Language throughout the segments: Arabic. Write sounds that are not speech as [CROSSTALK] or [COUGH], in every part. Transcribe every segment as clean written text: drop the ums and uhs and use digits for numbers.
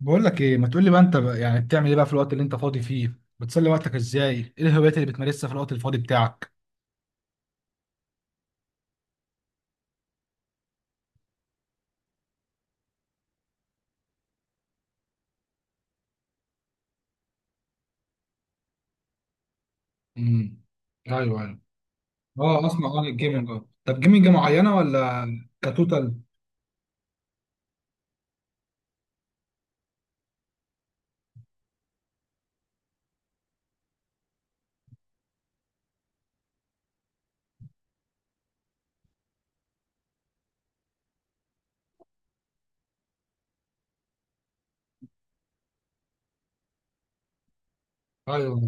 بقول لك ايه؟ ما تقول لي بقى انت بقى، يعني بتعمل ايه بقى في الوقت اللي انت فاضي فيه؟ بتسلي وقتك ازاي؟ ايه الهوايات اللي بتمارسها في الوقت الفاضي بتاعك؟ امم. ايوه، ايوه. اه، اسمع عن الجيمنج، اه طب جيمنج معينه ولا كتوتال؟ ايوه.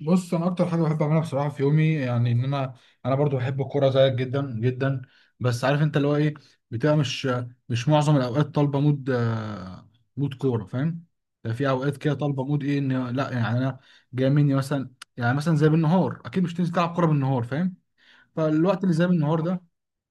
بص، انا اكتر حاجه بحب اعملها بصراحه في يومي، يعني ان انا برضو بحب الكوره زيك جدا جدا. بس عارف انت اللي هو ايه، بتبقى مش معظم الاوقات طالبه مود، مود كوره فاهم. يعني في اوقات كده طالبه مود ايه، ان لا، يعني انا جاي مني مثلا. يعني مثلا زي بالنهار، اكيد مش تنزل تلعب كوره بالنهار فاهم، فالوقت اللي زي بالنهار ده.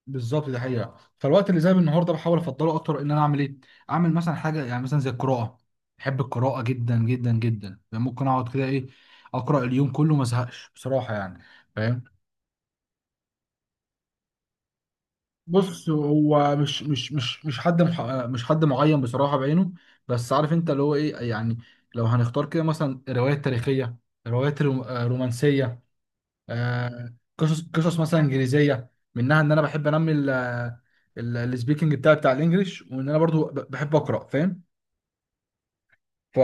بالظبط، دي حقيقه، فالوقت اللي زي النهارده بحاول افضله اكتر ان انا اعمل ايه؟ اعمل مثلا حاجه، يعني مثلا زي القراءه. بحب القراءه جدا جدا جدا، يعني ممكن اقعد كده ايه، اقرا اليوم كله ما ازهقش بصراحه يعني فاهم. بص، هو مش مش حد معين بصراحه بعينه. بس عارف انت اللي هو ايه، يعني لو هنختار كده مثلا روايات تاريخيه، روايات رومانسيه، قصص قصص مثلا انجليزيه، منها ان انا بحب انمي السبيكنج بتاعي بتاع الانجليش، وان انا برضو بحب اقرا فاهم. ف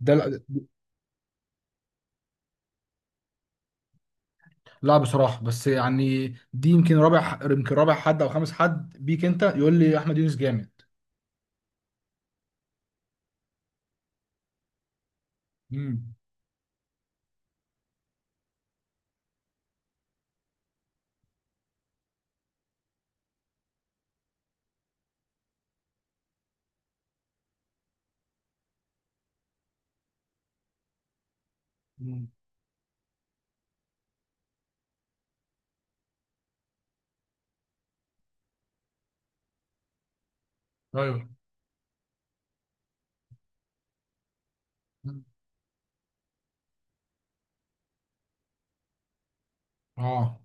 ده لا. لا بصراحه، بس يعني دي يمكن رابع حد او خامس حد بيك انت يقول لي احمد يونس جامد. امم. مم. ايوه. مم. اه.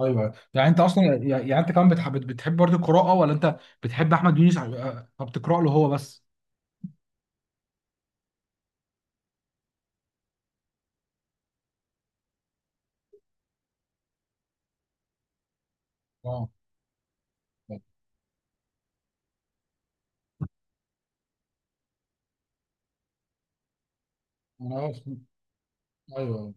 ايوه، يعني انت اصلا يعني انت كمان بتحب برضه القراءه، ولا انت بتحب احمد يونس، فبتقرا له هو بس؟ اه. انا اصلا. ايوه.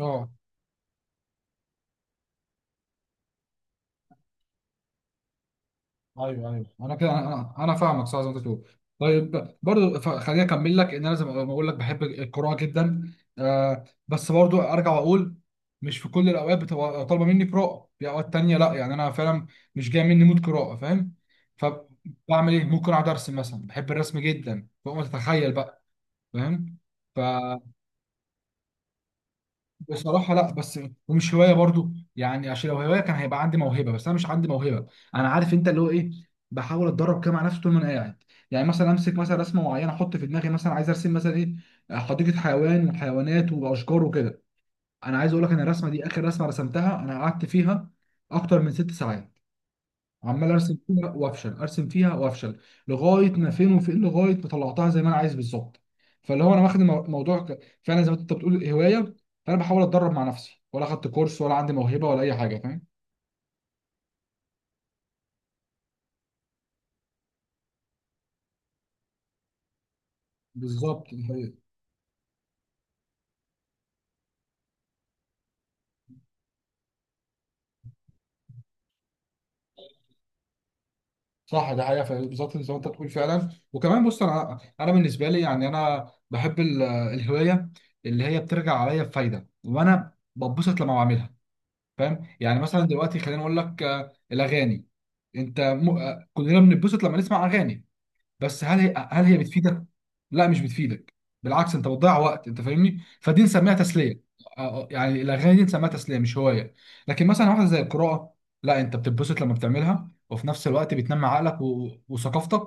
اه، ايوه ايوه، انا كده انا فاهمك صح زي ما انت بتقول. طيب برضو، خليني اكمل لك ان انا زي ما بقول لك بحب القراءه جدا، بس برضو ارجع واقول، مش في كل الاوقات بتبقى طالبه مني قراءه، في اوقات تانية لا، يعني انا فعلا مش جاي مني مود قراءه فاهم. فبعمل ايه؟ ممكن اقعد ارسم مثلا، بحب الرسم جدا فوق ما تتخيل بقى فاهم. ف بصراحة لا، بس ومش هواية برضو، يعني عشان لو هواية كان هيبقى عندي موهبة، بس أنا مش عندي موهبة. أنا عارف أنت اللي هو إيه، بحاول أتدرب كده مع نفسي طول ما أنا قاعد. يعني مثلا أمسك مثلا رسمة معينة، أحط في دماغي مثلا عايز أرسم مثلا إيه؟ حديقة حيوان، وحيوانات وأشجار وكده. أنا عايز أقول لك إن الرسمة دي آخر رسمة رسمتها أنا قعدت فيها أكتر من 6 ساعات، عمال ارسم فيها وافشل، ارسم فيها وافشل، لغايه ما فين وفين، لغايه ما طلعتها زي ما انا عايز بالظبط. فاللي هو انا واخد الموضوع فعلا زي ما انت بتقول هوايه، فانا بحاول اتدرب مع نفسي، ولا اخدت كورس ولا عندي موهبه ولا اي حاجه فاهم. بالظبط، دي حقيقة. صح، ده حقيقه فعلا. بالظبط زي ما انت بتقول فعلا. وكمان بص، انا بالنسبه لي يعني انا بحب الهوايه اللي هي بترجع عليا بفايده وانا بتبسط لما بعملها فاهم. يعني مثلا دلوقتي خليني اقول لك، الاغاني، انت م... آه، كلنا بنتبسط لما نسمع اغاني، بس هل هي بتفيدك؟ لا، مش بتفيدك، بالعكس انت بتضيع وقت، انت فاهمني؟ فدي نسميها تسليه. يعني الاغاني دي نسميها تسليه مش هوايه، لكن مثلا واحده زي القراءه، لا، انت بتتبسط لما بتعملها، وفي نفس الوقت بتنمي عقلك وثقافتك،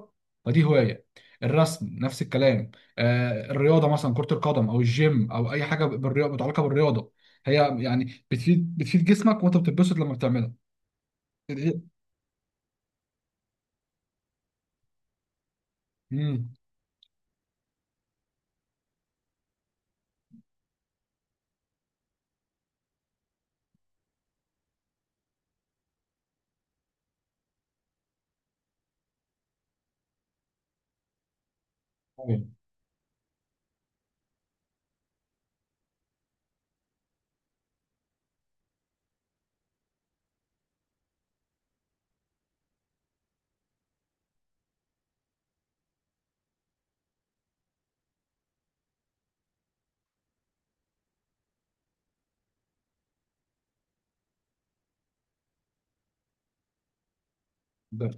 فدي هوايه. الرسم نفس الكلام. الرياضه مثلا، كره القدم او الجيم او اي حاجه بالرياضه، متعلقه بالرياضه، هي يعني بتفيد جسمك، وانت بتتبسط لما بتعملها. امم. ده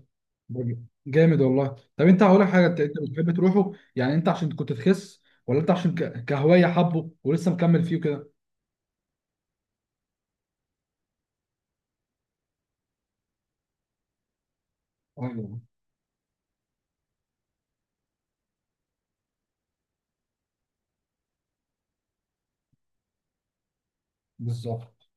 ده جامد والله. طب انت هقول لك حاجه، انت بتحب تروحه يعني انت عشان كنت تخس، ولا انت عشان كهوايه حبه ولسه مكمل فيه كده؟ ايوه. بالظبط.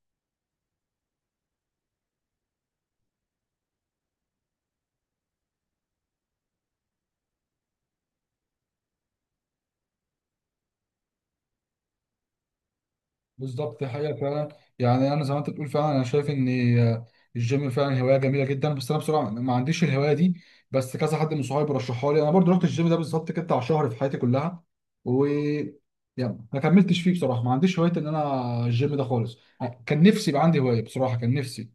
بالظبط، دي حقيقة فعلا. يعني أنا زي ما أنت بتقول فعلا، أنا شايف إن آه، الجيم فعلا هواية جميلة جدا، بس أنا بصراحة ما عنديش الهواية دي، بس كذا حد من صحابي رشحها لي. أنا برضو رحت الجيم ده بالظبط كده بتاع شهر في حياتي كلها، و يعني ما كملتش فيه بصراحة، ما عنديش هواية إن أنا الجيم ده خالص. كان نفسي يبقى عندي هواية بصراحة، كان نفسي.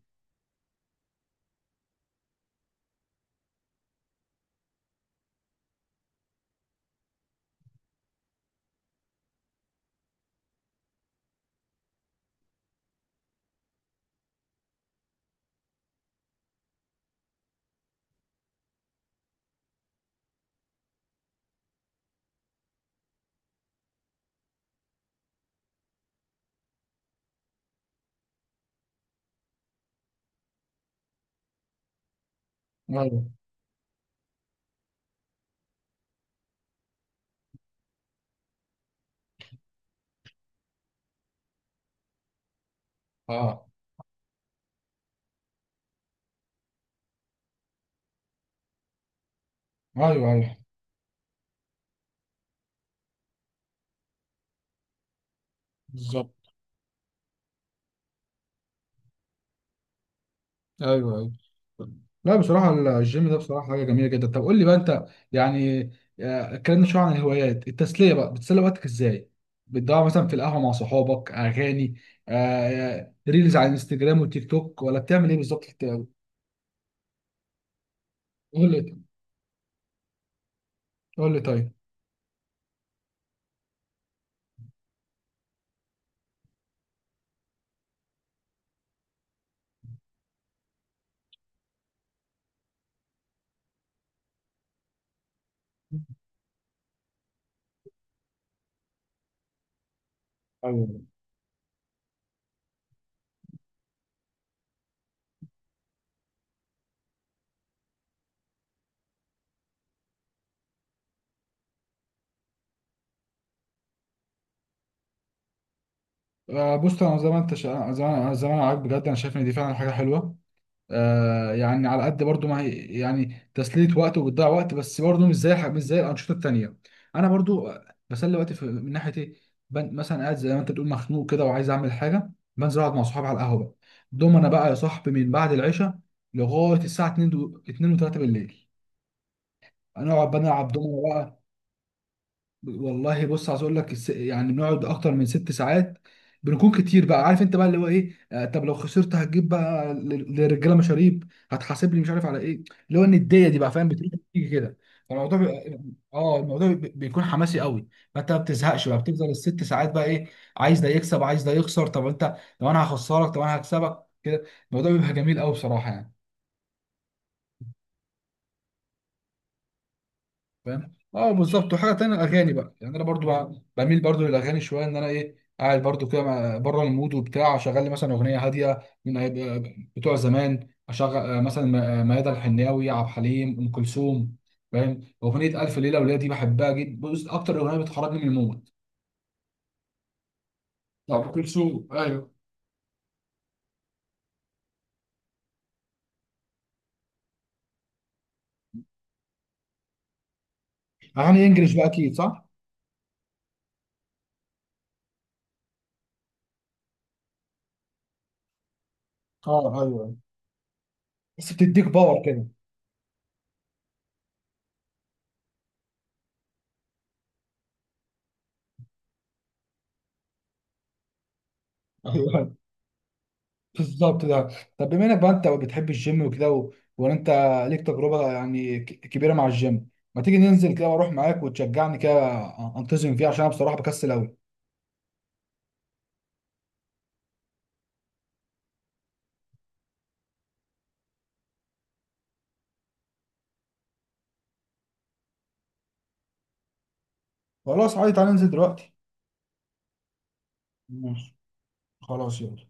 ايوه. اه. ايوه، ايوه. بالظبط. ايوه، ايوه. لا بصراحه، الجيم ده بصراحه حاجه جميله جدا. طب قول لي بقى انت، يعني اتكلمنا شويه عن الهوايات. التسليه بقى، بتسلي وقتك ازاي؟ بتضيع مثلا في القهوه مع صحابك، اغاني، ريلز على الانستجرام والتيك توك، ولا بتعمل ايه بالظبط في قول لي. قول لي طيب. ايوه. بص، انا زي ما انا عاجب بجد، انا شايف ان دي فعلا حاجه حلوه. يعني على قد برضو ما هي يعني تسلية وقت وبتضيع وقت، بس برضو مش زي مش زي الأنشطة التانية. أنا برضو بسلي وقتي في، من ناحية إيه، مثلا قاعد زي ما أنت بتقول مخنوق كده وعايز أعمل حاجة، بنزل أقعد مع صحابي على القهوة بقى. دوم أنا بقى يا صاحبي من بعد العشاء لغاية الساعة 2 و 2 و3 بالليل، هنقعد بقى نلعب دومينو. والله بص، عايز اقول لك يعني بنقعد اكتر من 6 ساعات، بنكون كتير بقى عارف انت بقى اللي هو ايه. طب لو خسرت هتجيب بقى للرجاله مشاريب، هتحاسب لي مش عارف على ايه، اللي هو النديه دي بقى فاهم، بتيجي كده. فالموضوع بيبقى- اه الموضوع بيكون حماسي قوي. فانت ما بتزهقش بقى، بتفضل الست ساعات بقى ايه، عايز ده يكسب، عايز ده يخسر. طب انت، لو انا هخسرك طب انا هكسبك كده، الموضوع بيبقى جميل قوي بصراحه يعني. فاهم. اه بالظبط. وحاجه تانية، الاغاني بقى، يعني انا برضو بميل برضو للاغاني شويه، ان انا ايه، قاعد برضو كده بره المود وبتاع، اشغل لي مثلا اغنيه هاديه من بتوع زمان، اشغل مثلا ميادة الحناوي، عبد الحليم، ام كلثوم فاهم. اغنيه الف ليله وليله دي بحبها جدا، بص اكتر اغنيه بتخرجني من المود. طب ام كلثوم، ايوه. اغاني انجلش بقى اكيد، صح. اه، ايوه، بس بتديك باور كده. [LAUGHS] بالظبط ده. طب بما انك بقى انت بتحب الجيم وكده وانا انت ليك تجربه يعني كبيره مع الجيم، ما تيجي ننزل كده، واروح معاك وتشجعني كده انتظم فيه عشان انا بصراحه بكسل قوي. خلاص عادي، تعالى ننزل دلوقتي. ماشي. خلاص يلا.